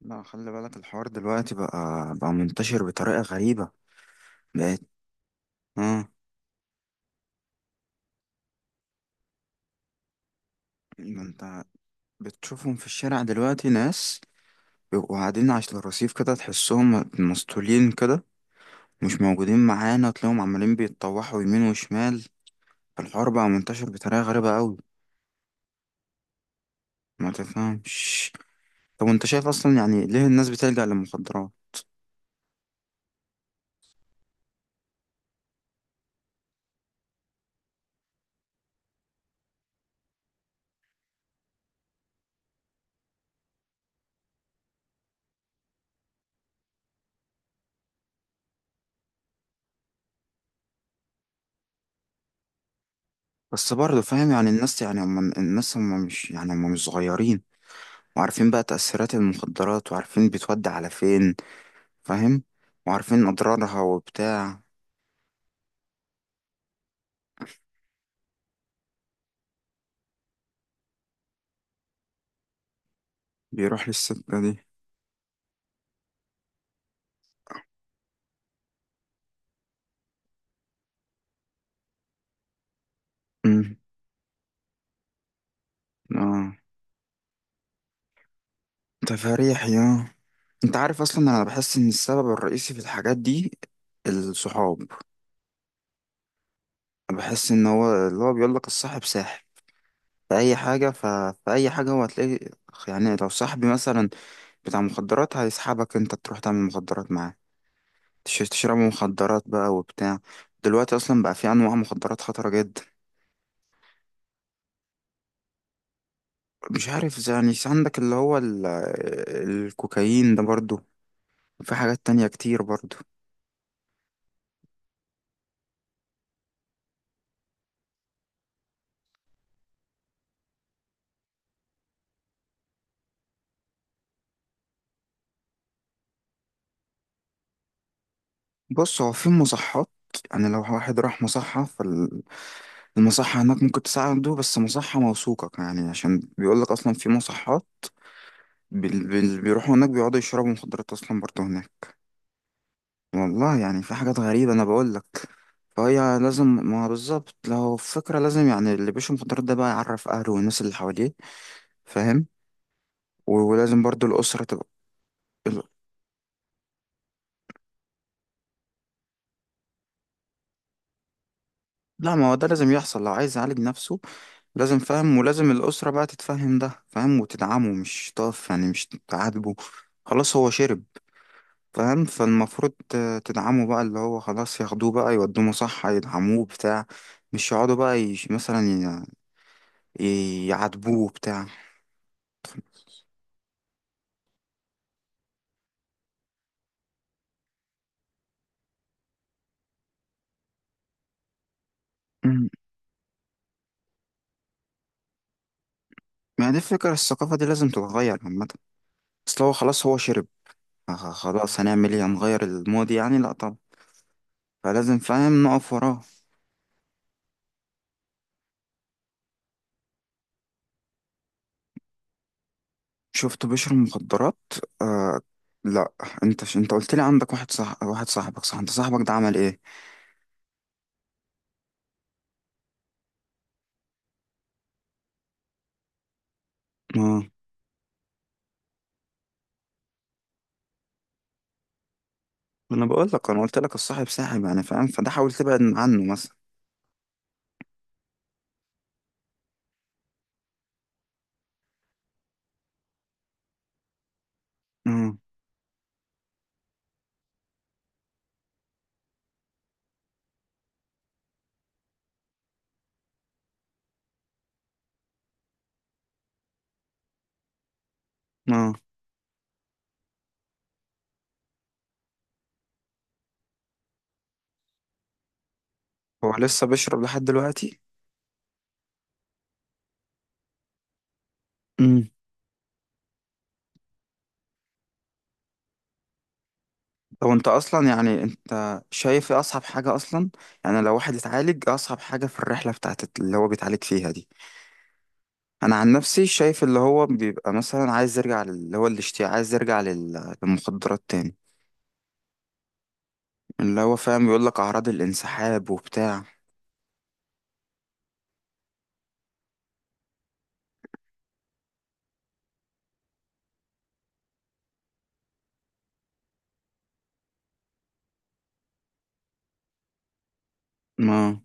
لا خلي بالك الحوار دلوقتي بقى منتشر بطريقة غريبة. بقت. اه. ما انت بتشوفهم في الشارع دلوقتي، ناس بيبقوا قاعدين على الرصيف كده، تحسهم مسطولين كده، مش موجودين معانا، تلاقيهم عمالين بيتطوحوا يمين وشمال. الحوار بقى منتشر بطريقة غريبة قوي. ما تفهمش. طب انت شايف اصلا يعني ليه الناس بتلجأ للمخدرات؟ بس برضه فاهم، يعني الناس، يعني هم مش، يعني هم مش صغيرين وعارفين بقى تأثيرات المخدرات، وعارفين بتودي على فين، فاهم، وعارفين أضرارها وبتاع. بيروح للستة دي. امم. اه. تفاريح يا. انت عارف اصلا، انا بحس ان السبب الرئيسي في الحاجات دي الصحاب. بحس ان هو اللي هو بيقول لك الصاحب ساحب. في اي حاجه في اي حاجه هو هتلاقي، يعني لو صاحبي مثلا بتاع مخدرات، هيسحبك انت تروح تعمل مخدرات معاه، تشربوا مخدرات بقى وبتاع. دلوقتي اصلا بقى في انواع مخدرات خطره جدا. مش عارف، يعني عندك اللي هو الكوكايين ده برضو، في حاجات تانية كتير برضو. بص هو في مصحات، يعني لو واحد راح مصحة، فالمصحة هناك ممكن تساعده، بس مصحة موثوقة يعني، عشان بيقولك أصلا في مصحات بيروحوا هناك بيقعدوا يشربوا مخدرات أصلا برضو هناك. والله يعني في حاجات غريبة أنا بقولك. فهي لازم، ما بالظبط، لو فكرة لازم يعني اللي بيشرب مخدرات ده بقى يعرف أهله والناس اللي حواليه، فاهم. ولازم برضو الأسرة تبقى. لا ما هو ده لازم يحصل لو عايز يعالج نفسه. لازم، فاهم، ولازم الأسرة بقى تتفهم ده، فاهم، وتدعمه، مش تقف يعني، مش تعاتبه، خلاص هو شرب، فاهم. فالمفروض تدعمه بقى، اللي هو خلاص ياخدوه بقى يودوه مصحة، يدعموه بتاع مش يقعدوا بقى يش مثلا يعاتبوه بتاع مم. ما هي دي الفكرة، الثقافة دي لازم تتغير عامة. أصل هو خلاص هو شرب، خلاص هنعمل ايه؟ هنغير الماضي يعني؟ لأ طبعا. فلازم، فاهم، نقف وراه. شفت بشر المخدرات؟ آه. لا، انت قلت لي عندك واحد، صح؟ واحد صاحبك، صح؟ انت صاحبك ده عمل ايه؟ اه. انا بقول لك، انا قلت لك الصاحب ساحب، يعني فاهم، فده حاول تبعد عنه مثلا. اه. اه. هو لسه بيشرب لحد دلوقتي؟ امم. طب انت اصلا يعني، انت شايف ايه اصعب حاجه اصلا؟ يعني لو واحد اتعالج، إيه اصعب حاجه في الرحله بتاعت اللي هو بيتعالج فيها دي؟ انا عن نفسي شايف اللي هو بيبقى مثلا عايز يرجع اللي هو الاشتياق، عايز يرجع للمخدرات تاني. اللي هو فاهم، يقول لك اعراض الانسحاب وبتاع. ما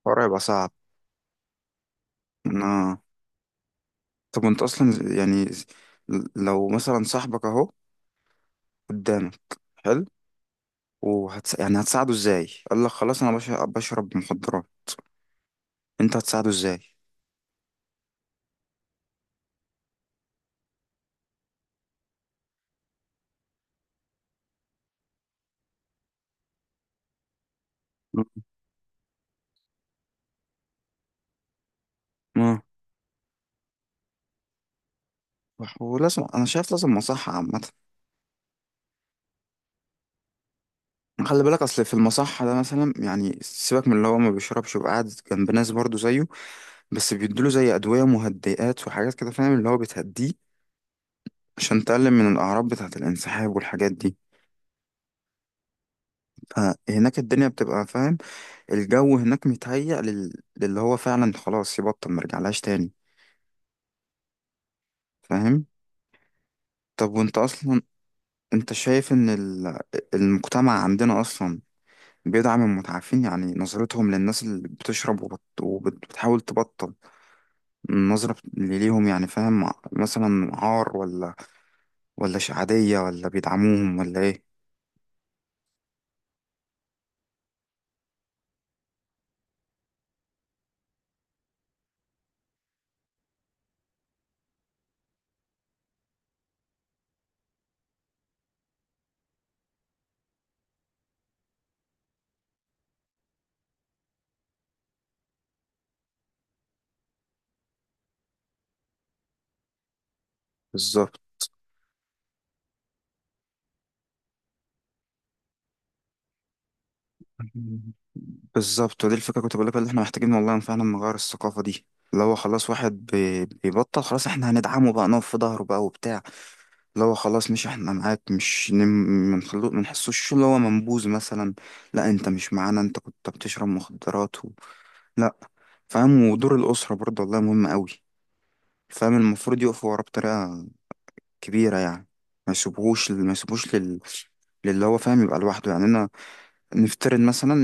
الحوار هيبقى صعب. ما طب انت اصلا يعني، لو مثلا صاحبك اهو قدامك، حلو، يعني هتساعده ازاي؟ قال لك خلاص انا بشرب مخدرات، انت هتساعده ازاي؟ ما ولازم، انا شايف لازم مصحة عامة. خلي بالك اصل في المصحة ده مثلا، يعني سيبك من اللي هو ما بيشربش وقاعد جنب ناس برضه زيه، بس بيدوله زي ادوية مهدئات وحاجات كده، فاهم، اللي هو بتهديه عشان تقلل من الأعراض بتاعة الانسحاب والحاجات دي. فهناك الدنيا بتبقى، فاهم، الجو هناك متهيأ للي هو فعلا خلاص يبطل مرجعلهاش تاني، فاهم. طب وانت أصلا، انت شايف ان المجتمع عندنا أصلا بيدعم المتعافين؟ يعني نظرتهم للناس اللي بتشرب وبتحاول تبطل، النظرة اللي ليهم يعني، فاهم، مثلا عار، ولا ولا عادية، ولا بيدعموهم، ولا ايه؟ بالظبط. بالظبط، ودي الفكرة كنت بقولك اللي احنا محتاجين والله فعلا نغير الثقافة دي. اللي هو خلاص واحد بيبطل، خلاص احنا هندعمه بقى، نقف في ظهره بقى وبتاع. اللي هو خلاص، مش احنا معاك، مش منخلو منحسوش اللي هو منبوذ مثلا، لا انت مش معانا انت كنت بتشرب مخدرات و... لا. فاهم. ودور الأسرة برضه والله مهم قوي، فاهم، المفروض يقفوا وراه بطريقة كبيرة يعني، ما يسيبوهوش، ما يسيبوش للي هو، فاهم، يبقى لوحده يعني. انا نفترض مثلا،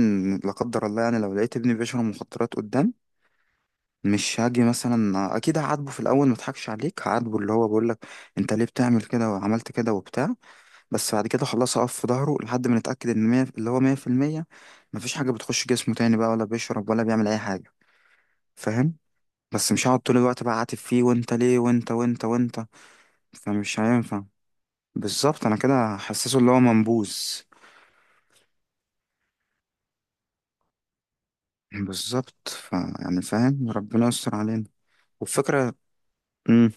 لا قدر الله يعني، لو لقيت ابني بيشرب مخدرات قدام، مش هاجي مثلا، اكيد هعاتبه في الاول ما اضحكش عليك، هعاتبه اللي هو بقول لك انت ليه بتعمل كده وعملت كده وبتاع، بس بعد كده خلاص اقف في ظهره لحد ما نتاكد ان مية اللي هو 100% مفيش حاجه بتخش جسمه تاني بقى، ولا بيشرب ولا بيعمل اي حاجه، فاهم. بس مش هقعد طول الوقت بقى عاتب فيه، وانت ليه وانت وانت وانت، فمش هينفع. بالظبط، انا كده حسسه اللي هو منبوذ. بالظبط. ف يعني فاهم، ربنا يستر علينا. والفكره، امم،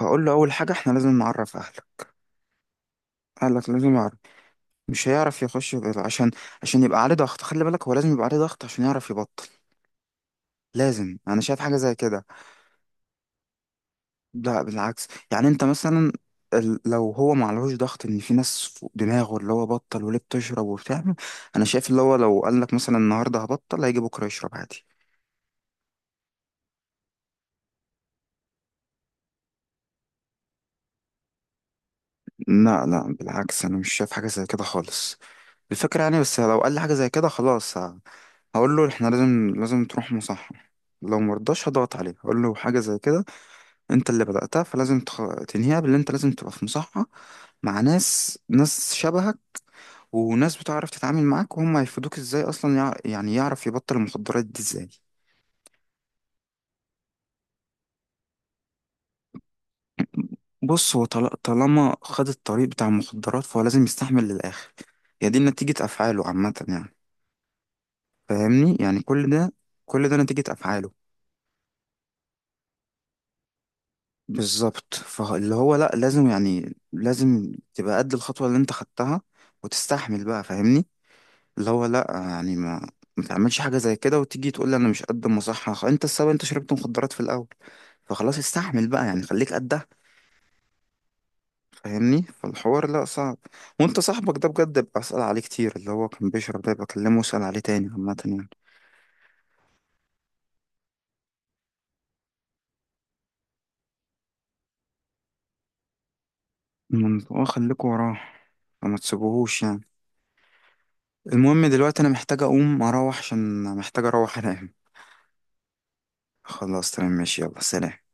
هقول له اول حاجه احنا لازم نعرف اهلك. قال لك لازم اعرف. مش هيعرف يخش غير عشان، عشان يبقى عليه ضغط، خلي بالك هو لازم يبقى عليه ضغط عشان يعرف يبطل. لازم، انا شايف حاجه زي كده. لا بالعكس، يعني انت مثلا، لو هو ما عليهوش ضغط ان في ناس فوق دماغه اللي هو بطل وليه بتشرب وبتعمل، انا شايف اللي هو لو قال لك مثلا النهارده هبطل، هيجي بكره يشرب عادي. لا لا، بالعكس، انا مش شايف حاجه زي كده خالص. الفكره يعني، بس لو قال لي حاجه زي كده خلاص، هقول له احنا لازم، لازم تروح مصحة. لو مرضاش هضغط عليه، هقول له حاجه زي كده، انت اللي بدأتها، فلازم تنهيها، باللي انت لازم تبقى في مصحة مع ناس، ناس شبهك، وناس بتعرف تتعامل معاك، وهم هيفيدوك ازاي اصلا يعني يعرف يبطل المخدرات دي ازاي. بص هو طالما خد الطريق بتاع المخدرات، فهو لازم يستحمل للآخر. هي دي نتيجة أفعاله عامة يعني، فاهمني، يعني كل ده، كل ده نتيجة أفعاله. بالظبط، فاللي هو لأ، لازم يعني، لازم تبقى قد الخطوة اللي انت خدتها، وتستحمل بقى، فاهمني. اللي هو لا يعني، ما ما تعملش حاجة زي كده وتيجي تقول لي انا مش قد المصحة، انت السبب، انت شربت مخدرات في الاول، فخلاص استحمل بقى يعني، خليك قدها، فاهمني. فالحوار لا صعب. وانت صاحبك ده بجد، ببقى اسأل عليه كتير، اللي هو كان بيشرب ده بكلمه، واسأل عليه تاني عامة يعني. اه خليكوا وراه، فما تسيبوهوش يعني. المهم دلوقتي انا محتاج اقوم اروح عشان محتاج اروح انام. خلاص تمام ماشي، يلا سلام.